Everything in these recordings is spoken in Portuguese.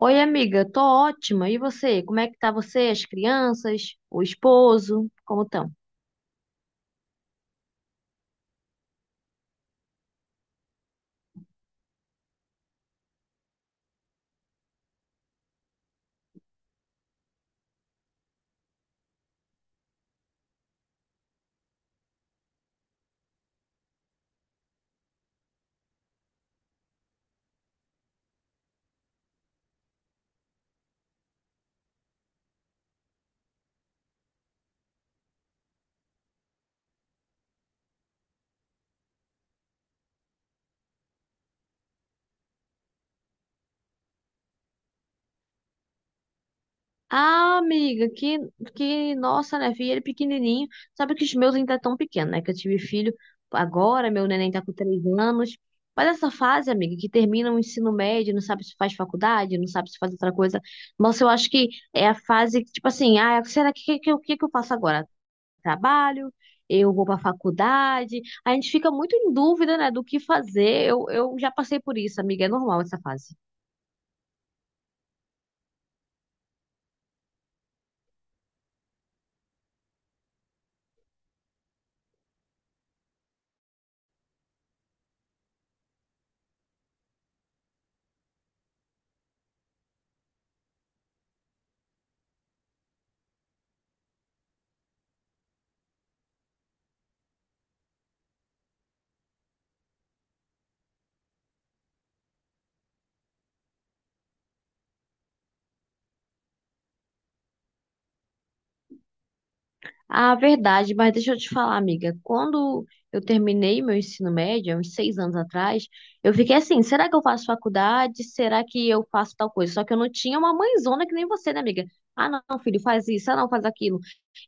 Oi, amiga, tô ótima. E você? Como é que tá você, as crianças, o esposo? Como estão? Ah, amiga, que nossa, né, filho, ele pequenininho. Sabe que os meus ainda estão pequenos, né? Que eu tive filho agora, meu neném tá com 3 anos. Mas essa fase, amiga, que termina o ensino médio, não sabe se faz faculdade, não sabe se faz outra coisa. Nossa, eu acho que é a fase que, tipo assim, ah, será que o que, que eu faço agora? Trabalho, eu vou para a faculdade. A gente fica muito em dúvida, né, do que fazer. Eu já passei por isso, amiga, é normal essa fase. A verdade, mas deixa eu te falar, amiga, quando eu terminei meu ensino médio, há uns 6 anos atrás, eu fiquei assim, será que eu faço faculdade? Será que eu faço tal coisa? Só que eu não tinha uma mãezona que nem você, né, amiga? Ah, não, filho, faz isso, ah, não, faz aquilo.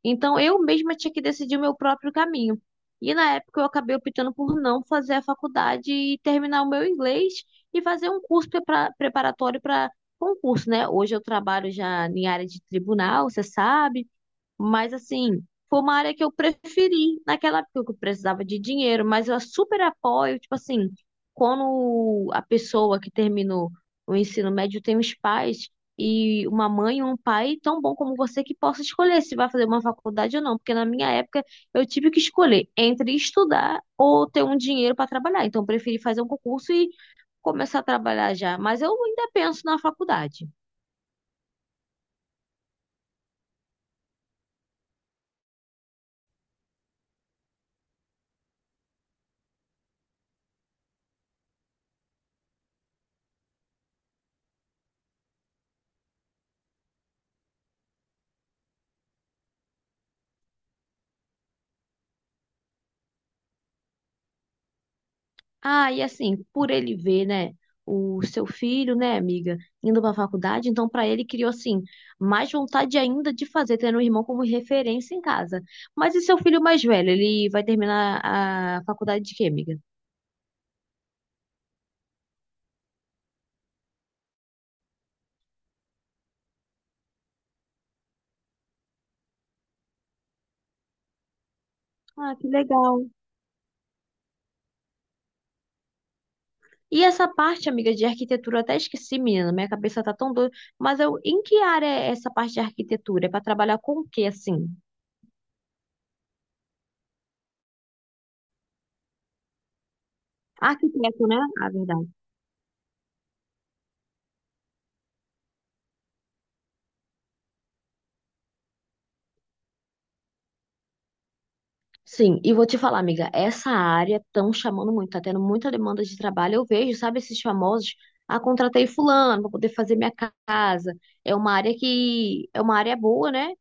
Então eu mesma tinha que decidir o meu próprio caminho. E na época eu acabei optando por não fazer a faculdade e terminar o meu inglês e fazer um curso preparatório para concurso, né? Hoje eu trabalho já em área de tribunal, você sabe. Mas assim, foi uma área que eu preferi naquela época que eu precisava de dinheiro, mas eu super apoio, tipo assim, quando a pessoa que terminou o ensino médio tem os pais e uma mãe e um pai tão bom como você que possa escolher se vai fazer uma faculdade ou não, porque na minha época eu tive que escolher entre estudar ou ter um dinheiro para trabalhar. Então eu preferi fazer um concurso e começar a trabalhar já, mas eu ainda penso na faculdade. Ah, e assim, por ele ver, né, o seu filho, né, amiga, indo para a faculdade, então para ele criou assim mais vontade ainda de fazer, tendo um irmão como referência em casa. Mas e seu filho mais velho, ele vai terminar a faculdade de quê, amiga? Ah, que legal. E essa parte, amiga, de arquitetura, eu até esqueci, menina, minha cabeça tá tão doida, mas eu, em que área é essa parte de arquitetura? É para trabalhar com o quê, assim? Arquiteto, né? A verdade. Sim, e vou te falar, amiga, essa área estão chamando muito, tá tendo muita demanda de trabalho. Eu vejo, sabe, esses famosos, ah, contratei fulano para poder fazer minha casa. É uma área que é uma área boa, né?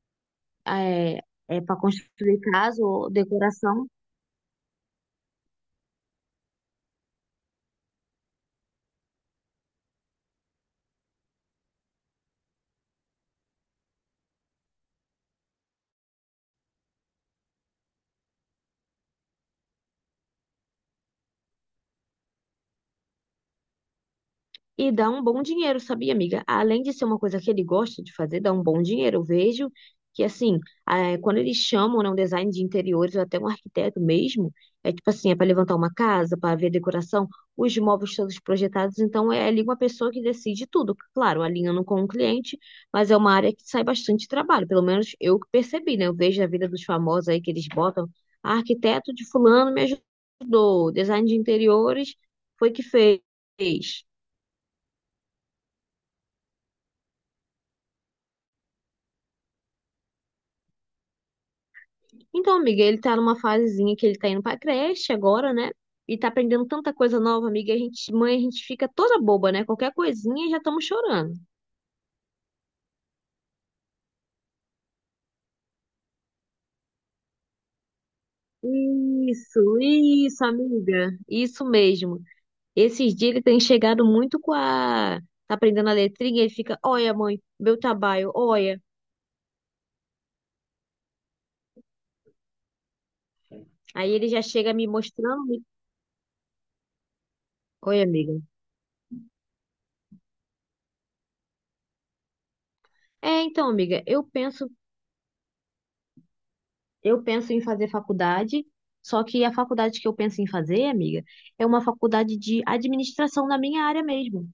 É, é para construir casa ou decoração. E dá um bom dinheiro, sabia, amiga? Além de ser uma coisa que ele gosta de fazer, dá um bom dinheiro. Eu vejo que, assim, quando eles chamam, né, um design de interiores ou até um arquiteto mesmo, é tipo assim, é para levantar uma casa, para ver decoração, os móveis todos projetados. Então, é ali uma pessoa que decide tudo. Claro, alinhando com o cliente, mas é uma área que sai bastante trabalho. Pelo menos eu que percebi, né? Eu vejo a vida dos famosos aí que eles botam. "Ah, arquiteto de fulano me ajudou, design de interiores foi que fez." Então, amiga, ele tá numa fasezinha que ele tá indo pra creche agora, né? E tá aprendendo tanta coisa nova, amiga. A gente, mãe, a gente fica toda boba, né? Qualquer coisinha já estamos chorando. Isso, amiga. Isso mesmo. Esses dias ele tem chegado muito com a. Tá aprendendo a letrinha, ele fica, olha, mãe, meu trabalho, olha. Aí ele já chega me mostrando. Oi, amiga. É, então, amiga, eu penso em fazer faculdade, só que a faculdade que eu penso em fazer, amiga, é uma faculdade de administração na minha área mesmo.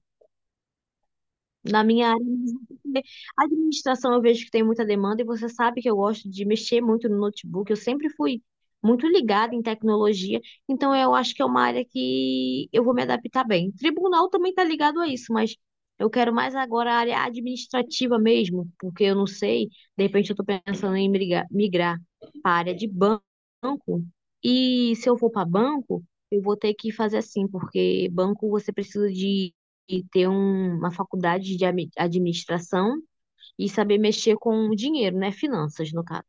Na minha área, porque a administração eu vejo que tem muita demanda e você sabe que eu gosto de mexer muito no notebook. Eu sempre fui muito ligada em tecnologia, então eu acho que é uma área que eu vou me adaptar bem. Tribunal também está ligado a isso, mas eu quero mais agora a área administrativa mesmo, porque eu não sei, de repente eu estou pensando em migrar para a área de banco. E se eu for para banco, eu vou ter que fazer assim, porque banco você precisa de e ter uma faculdade de administração e saber mexer com o dinheiro, né? Finanças, no caso.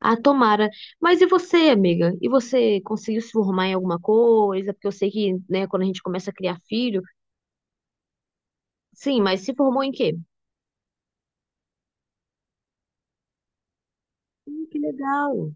Ah, tomara. Mas e você, amiga? E você conseguiu se formar em alguma coisa? Porque eu sei que, né, quando a gente começa a criar filho. Sim, mas se formou em quê? Que legal.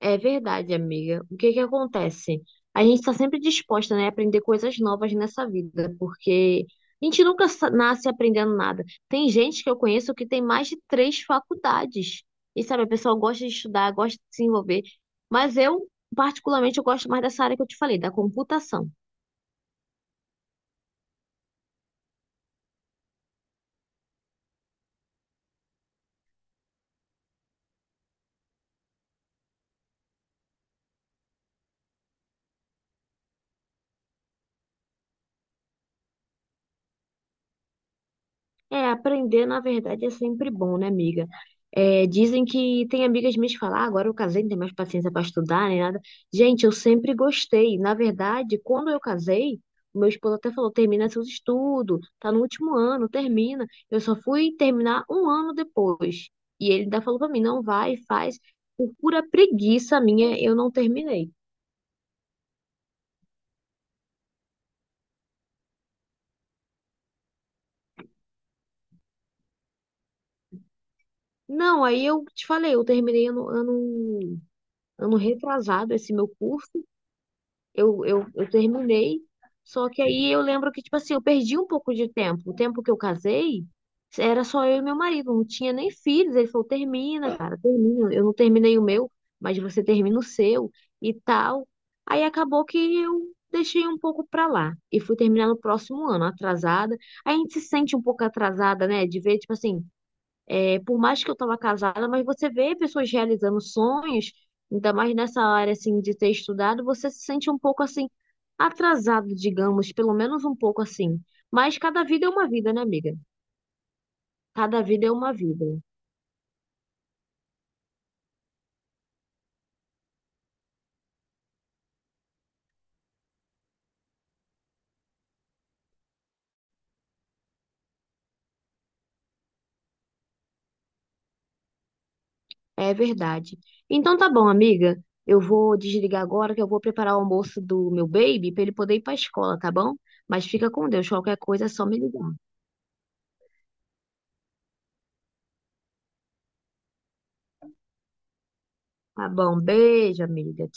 É verdade, amiga. O que que acontece? A gente está sempre disposta, né, a aprender coisas novas nessa vida, porque a gente nunca nasce aprendendo nada. Tem gente que eu conheço que tem mais de três faculdades. E sabe, a pessoa gosta de estudar, gosta de se envolver. Mas eu, particularmente, eu gosto mais dessa área que eu te falei, da computação. É, aprender, na verdade, é sempre bom, né, amiga? É, dizem que tem amigas minhas que falam, ah, agora eu casei, não tenho mais paciência para estudar, nem nada. Gente, eu sempre gostei. Na verdade, quando eu casei, o meu esposo até falou, termina seus estudos, tá no último ano, termina. Eu só fui terminar um ano depois. E ele ainda falou para mim, não vai, faz. Por pura preguiça minha, eu não terminei. Não, aí eu te falei, eu terminei ano retrasado esse meu curso. Eu terminei, só que aí eu lembro que, tipo assim, eu perdi um pouco de tempo. O tempo que eu casei, era só eu e meu marido, não tinha nem filhos. Ele falou: termina, cara, termina. Eu não terminei o meu, mas você termina o seu e tal. Aí acabou que eu deixei um pouco pra lá e fui terminar no próximo ano, atrasada. Aí a gente se sente um pouco atrasada, né? De ver, tipo assim. É, por mais que eu estava casada, mas você vê pessoas realizando sonhos, ainda mais nessa área assim de ter estudado, você se sente um pouco assim atrasado, digamos, pelo menos um pouco assim. Mas cada vida é uma vida, né, amiga? Cada vida é uma vida. É verdade. Então tá bom, amiga. Eu vou desligar agora que eu vou preparar o almoço do meu baby para ele poder ir para a escola, tá bom? Mas fica com Deus, qualquer coisa é só me ligar. Tá bom? Beijo, amiga.